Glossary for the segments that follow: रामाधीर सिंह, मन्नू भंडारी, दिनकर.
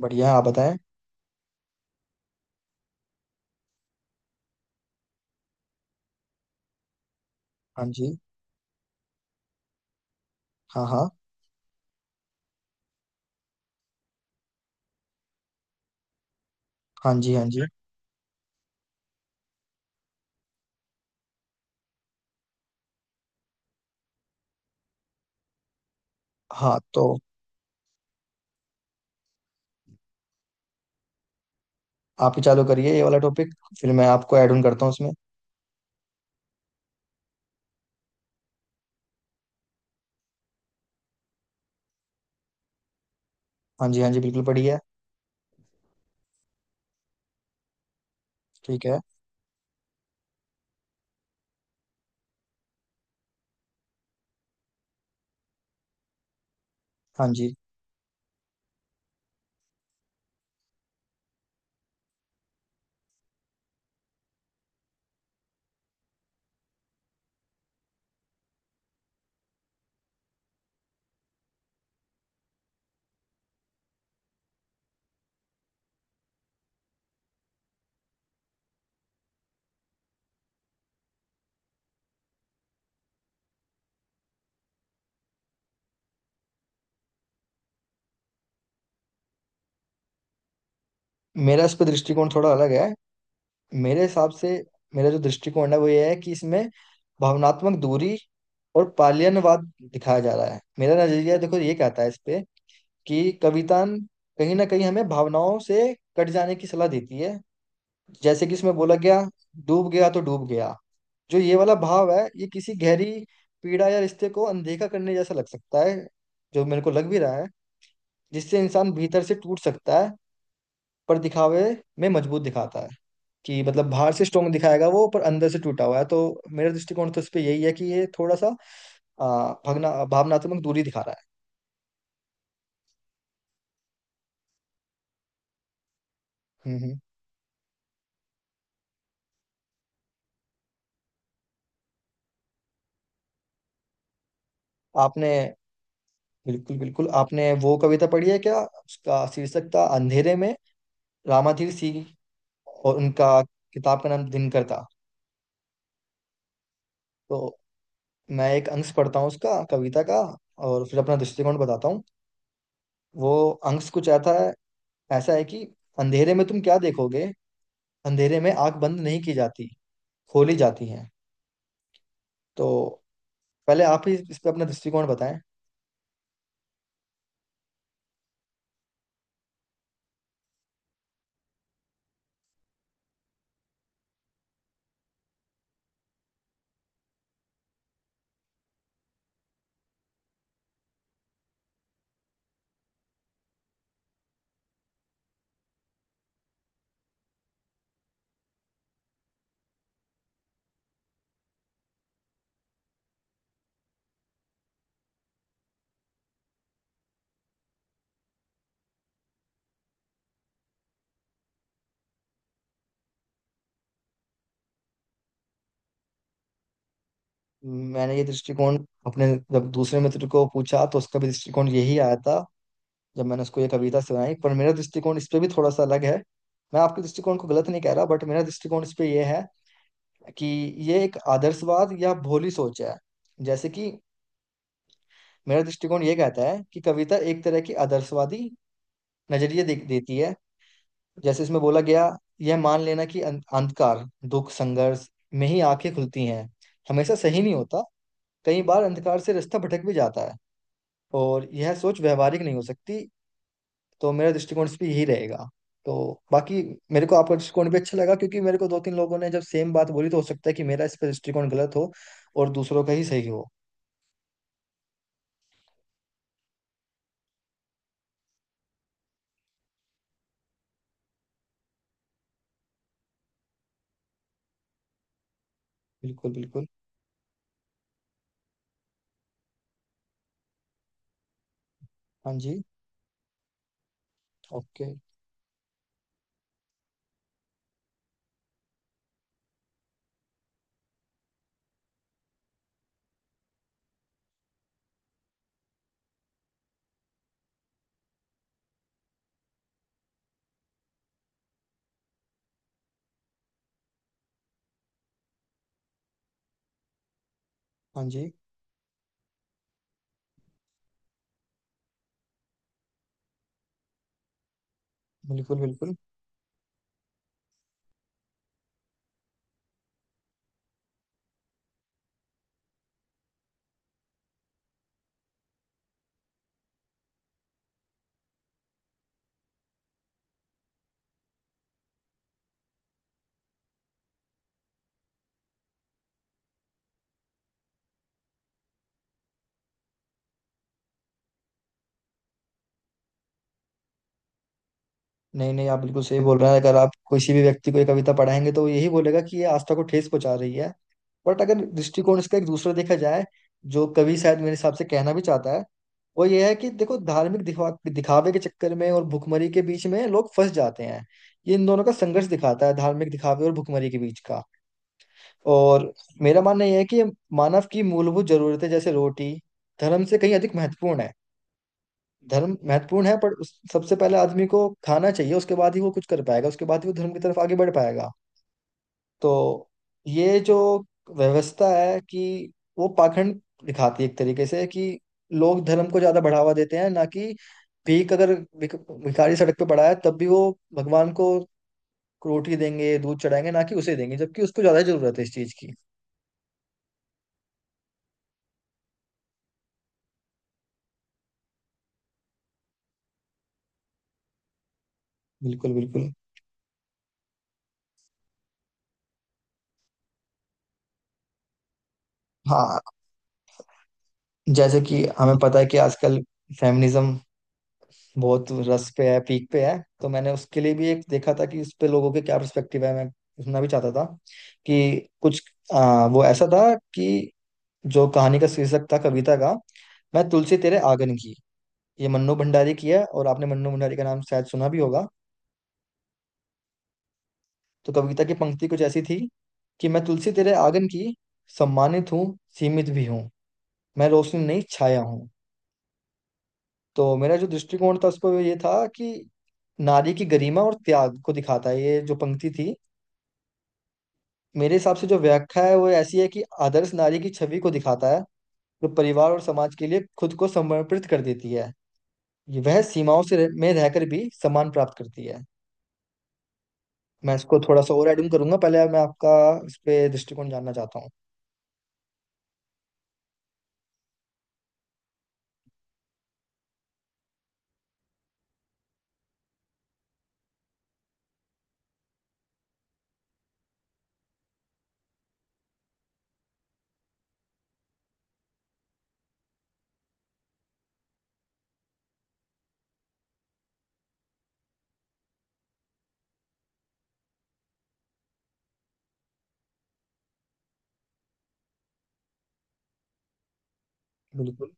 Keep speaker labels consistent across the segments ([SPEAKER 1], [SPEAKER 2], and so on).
[SPEAKER 1] बढ़िया, आप बताएं। हाँ जी। हाँ हाँ। हाँ जी हाँ जी। हाँ, तो आप ही चालू करिए ये वाला टॉपिक। फिर मैं आपको ऐड ऑन करता हूँ उसमें। हाँ जी हाँ जी, बिल्कुल, बढ़िया। ठीक है। हाँ जी। मेरा इस पर दृष्टिकोण थोड़ा अलग है। मेरे हिसाब से मेरा जो दृष्टिकोण है वो ये है कि इसमें भावनात्मक दूरी और पालियनवाद दिखाया जा रहा है। मेरा नजरिया देखो ये कहता है इस पे कि कविता कहीं ना कहीं हमें भावनाओं से कट जाने की सलाह देती है। जैसे कि इसमें बोला गया, डूब गया तो डूब गया। जो ये वाला भाव है ये किसी गहरी पीड़ा या रिश्ते को अनदेखा करने जैसा लग सकता है, जो मेरे को लग भी रहा है, जिससे इंसान भीतर से टूट सकता है पर दिखावे में मजबूत दिखाता है। कि मतलब बाहर से स्ट्रोंग दिखाएगा वो पर अंदर से टूटा हुआ है। तो मेरा दृष्टिकोण तो इस पे यही है कि ये थोड़ा सा भगना भावनात्मक दूरी दिखा रहा है। आपने, बिल्कुल बिल्कुल, आपने वो कविता पढ़ी है क्या? उसका शीर्षक था अंधेरे में, रामाधीर सिंह, और उनका किताब का नाम दिनकर था। तो मैं एक अंश पढ़ता हूँ उसका, कविता का, और फिर अपना दृष्टिकोण बताता हूँ। वो अंश कुछ ऐसा है, ऐसा है कि अंधेरे में तुम क्या देखोगे, अंधेरे में आंख बंद नहीं की जाती, खोली जाती है। तो पहले आप ही इस पे अपना दृष्टिकोण बताएं। मैंने ये दृष्टिकोण अपने जब दूसरे मित्र को पूछा तो उसका भी दृष्टिकोण यही आया था जब मैंने उसको ये कविता सुनाई, पर मेरा दृष्टिकोण इस पे भी थोड़ा सा अलग है। मैं आपके दृष्टिकोण को गलत नहीं कह रहा, बट मेरा दृष्टिकोण इस पे ये है कि ये एक आदर्शवाद या भोली सोच है। जैसे कि मेरा दृष्टिकोण ये कहता है कि कविता एक तरह की आदर्शवादी नजरिए देती है। जैसे इसमें बोला गया, यह मान लेना कि अंधकार, दुख, संघर्ष में ही आंखें खुलती हैं, हमेशा सही नहीं होता। कई बार अंधकार से रास्ता भटक भी जाता है और यह सोच व्यवहारिक नहीं हो सकती। तो मेरा दृष्टिकोण इस पे यही रहेगा। तो बाकी मेरे को आपका दृष्टिकोण भी अच्छा लगा क्योंकि मेरे को दो तीन लोगों ने जब सेम बात बोली तो हो सकता है कि मेरा इस पर दृष्टिकोण गलत हो और दूसरों का ही सही हो। बिल्कुल बिल्कुल। हाँ जी। ओके। हाँ जी, बिल्कुल बिल्कुल। नहीं नहीं, आप बिल्कुल सही बोल रहे हैं। अगर आप किसी भी व्यक्ति को ये कविता पढ़ाएंगे तो वो यही बोलेगा कि ये आस्था को ठेस पहुंचा रही है। बट अगर दृष्टिकोण इसका एक दूसरा देखा जाए, जो कवि शायद मेरे हिसाब से कहना भी चाहता है, वो ये है कि देखो, धार्मिक दिखा दिखावे के चक्कर में और भुखमरी के बीच में लोग फंस जाते हैं। ये इन दोनों का संघर्ष दिखाता है, धार्मिक दिखावे और भुखमरी के बीच का। और मेरा मानना यह है कि मानव की मूलभूत जरूरतें जैसे रोटी धर्म से कहीं अधिक महत्वपूर्ण है। धर्म महत्वपूर्ण है, पर उस सबसे पहले आदमी को खाना चाहिए, उसके बाद ही वो कुछ कर पाएगा, उसके बाद ही वो धर्म की तरफ आगे बढ़ पाएगा। तो ये जो व्यवस्था है, कि वो पाखंड दिखाती है एक तरीके से, कि लोग धर्म को ज्यादा बढ़ावा देते हैं ना कि भीख। अगर भिख- भिखारी सड़क पे पड़ा है तब भी वो भगवान को रोटी देंगे, दूध चढ़ाएंगे, ना कि उसे देंगे, जबकि उसको ज्यादा जरूरत है इस चीज की। बिल्कुल बिल्कुल। हाँ, जैसे कि हमें पता है कि आजकल फेमिनिज्म बहुत रस पे है, पीक पे है, तो मैंने उसके लिए भी एक देखा था कि इस पे लोगों के क्या पर्सपेक्टिव है, मैं सुनना भी चाहता था कि कुछ। वो ऐसा था कि जो कहानी का शीर्षक था, कविता का, मैं तुलसी तेरे आंगन की। ये मन्नू भंडारी की है और आपने मन्नू भंडारी का नाम शायद सुना भी होगा। तो कविता की पंक्ति कुछ ऐसी थी कि मैं तुलसी तेरे आंगन की, सम्मानित हूँ, सीमित भी हूँ, मैं रोशनी नहीं छाया हूँ। तो मेरा जो दृष्टिकोण था उस पर ये था कि नारी की गरिमा और त्याग को दिखाता है ये जो पंक्ति थी। मेरे हिसाब से जो व्याख्या है वो ऐसी है कि आदर्श नारी की छवि को दिखाता है, जो परिवार और समाज के लिए खुद को समर्पित कर देती है। ये वह सीमाओं से में रहकर भी सम्मान प्राप्त करती है। मैं इसको थोड़ा सा और एडिंग करूंगा, पहले मैं आपका इस पे दृष्टिकोण जानना चाहता हूँ। बिल्कुल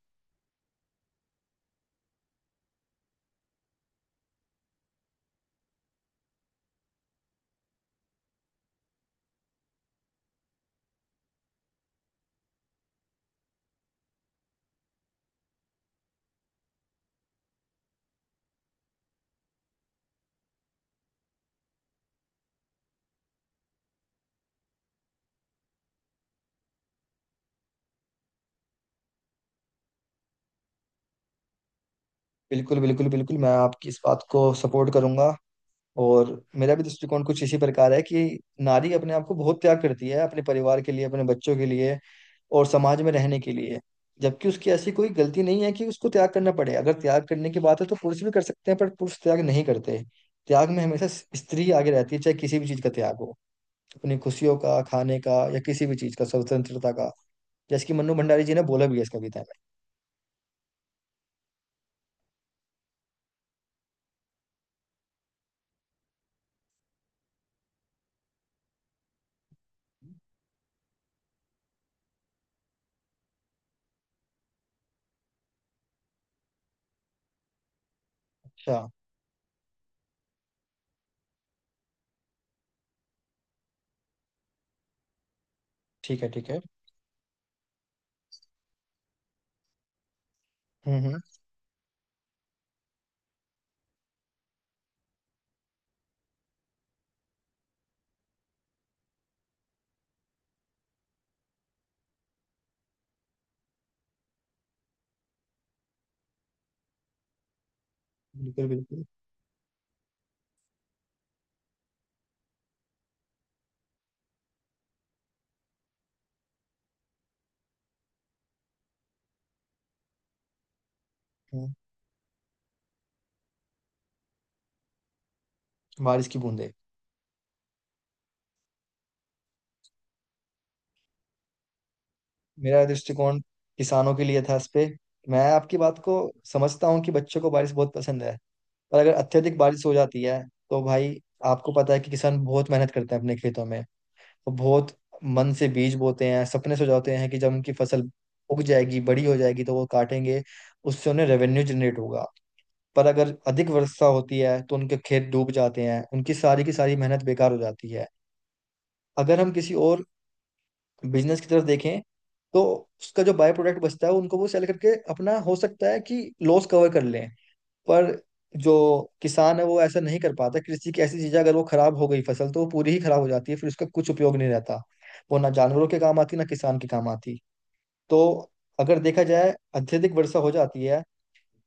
[SPEAKER 1] बिल्कुल बिल्कुल बिल्कुल मैं आपकी इस बात को सपोर्ट करूंगा। और मेरा भी दृष्टिकोण कुछ इसी प्रकार है कि नारी अपने आप को बहुत त्याग करती है अपने परिवार के लिए, अपने बच्चों के लिए, और समाज में रहने के लिए, जबकि उसकी ऐसी कोई गलती नहीं है कि उसको त्याग करना पड़े। अगर त्याग करने की बात है तो पुरुष भी कर सकते हैं पर पुरुष त्याग नहीं करते। त्याग में हमेशा स्त्री आगे रहती है, चाहे किसी भी चीज का त्याग हो, अपनी खुशियों का, खाने का, या किसी भी चीज का, स्वतंत्रता का, जैसे कि मन्नू भंडारी जी ने बोला भी है इस कविता में। अच्छा। ठीक है ठीक है। हम्म। बिल्कुल बिल्कुल। हम्म। बारिश की बूंदें। मेरा दृष्टिकोण किसानों के लिए था इस पे। मैं आपकी बात को समझता हूँ कि बच्चों को बारिश बहुत पसंद है, पर अगर अत्यधिक बारिश हो जाती है तो भाई, आपको पता है कि किसान बहुत मेहनत करते हैं अपने खेतों में। वो बहुत मन से बीज बोते हैं, सपने सजाते हैं कि जब उनकी फसल उग जाएगी, बड़ी हो जाएगी तो वो काटेंगे, उससे उन्हें रेवेन्यू जनरेट होगा। पर अगर अधिक वर्षा होती है तो उनके खेत डूब जाते हैं, उनकी सारी की सारी मेहनत बेकार हो जाती है। अगर हम किसी और बिजनेस की तरफ देखें तो उसका जो बाय प्रोडक्ट बचता है, उनको वो सेल करके अपना हो सकता है कि लॉस कवर कर लें, पर जो किसान है वो ऐसा नहीं कर पाता। कृषि की ऐसी चीजें, अगर वो खराब हो गई फसल तो वो पूरी ही खराब हो जाती है, फिर उसका कुछ उपयोग नहीं रहता, वो ना जानवरों के काम आती ना किसान के काम आती। तो अगर देखा जाए अत्यधिक वर्षा हो जाती है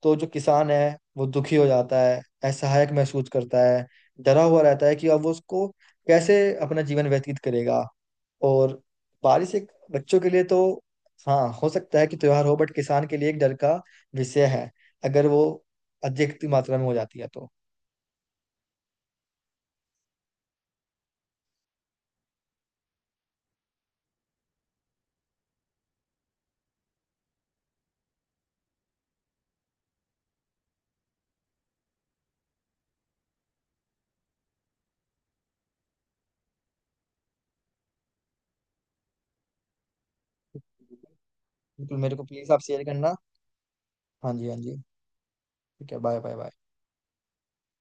[SPEAKER 1] तो जो किसान है वो दुखी हो जाता है, असहायक महसूस करता है, डरा हुआ रहता है कि अब वो उसको कैसे अपना जीवन व्यतीत करेगा। और बारिश एक बच्चों के लिए तो हाँ हो सकता है कि त्योहार हो, बट किसान के लिए एक डर का विषय है, अगर वो अधिक मात्रा में हो जाती है तो। बिल्कुल, मेरे को प्लीज आप शेयर करना। हाँ जी हाँ जी, ठीक है, बाय बाय बाय।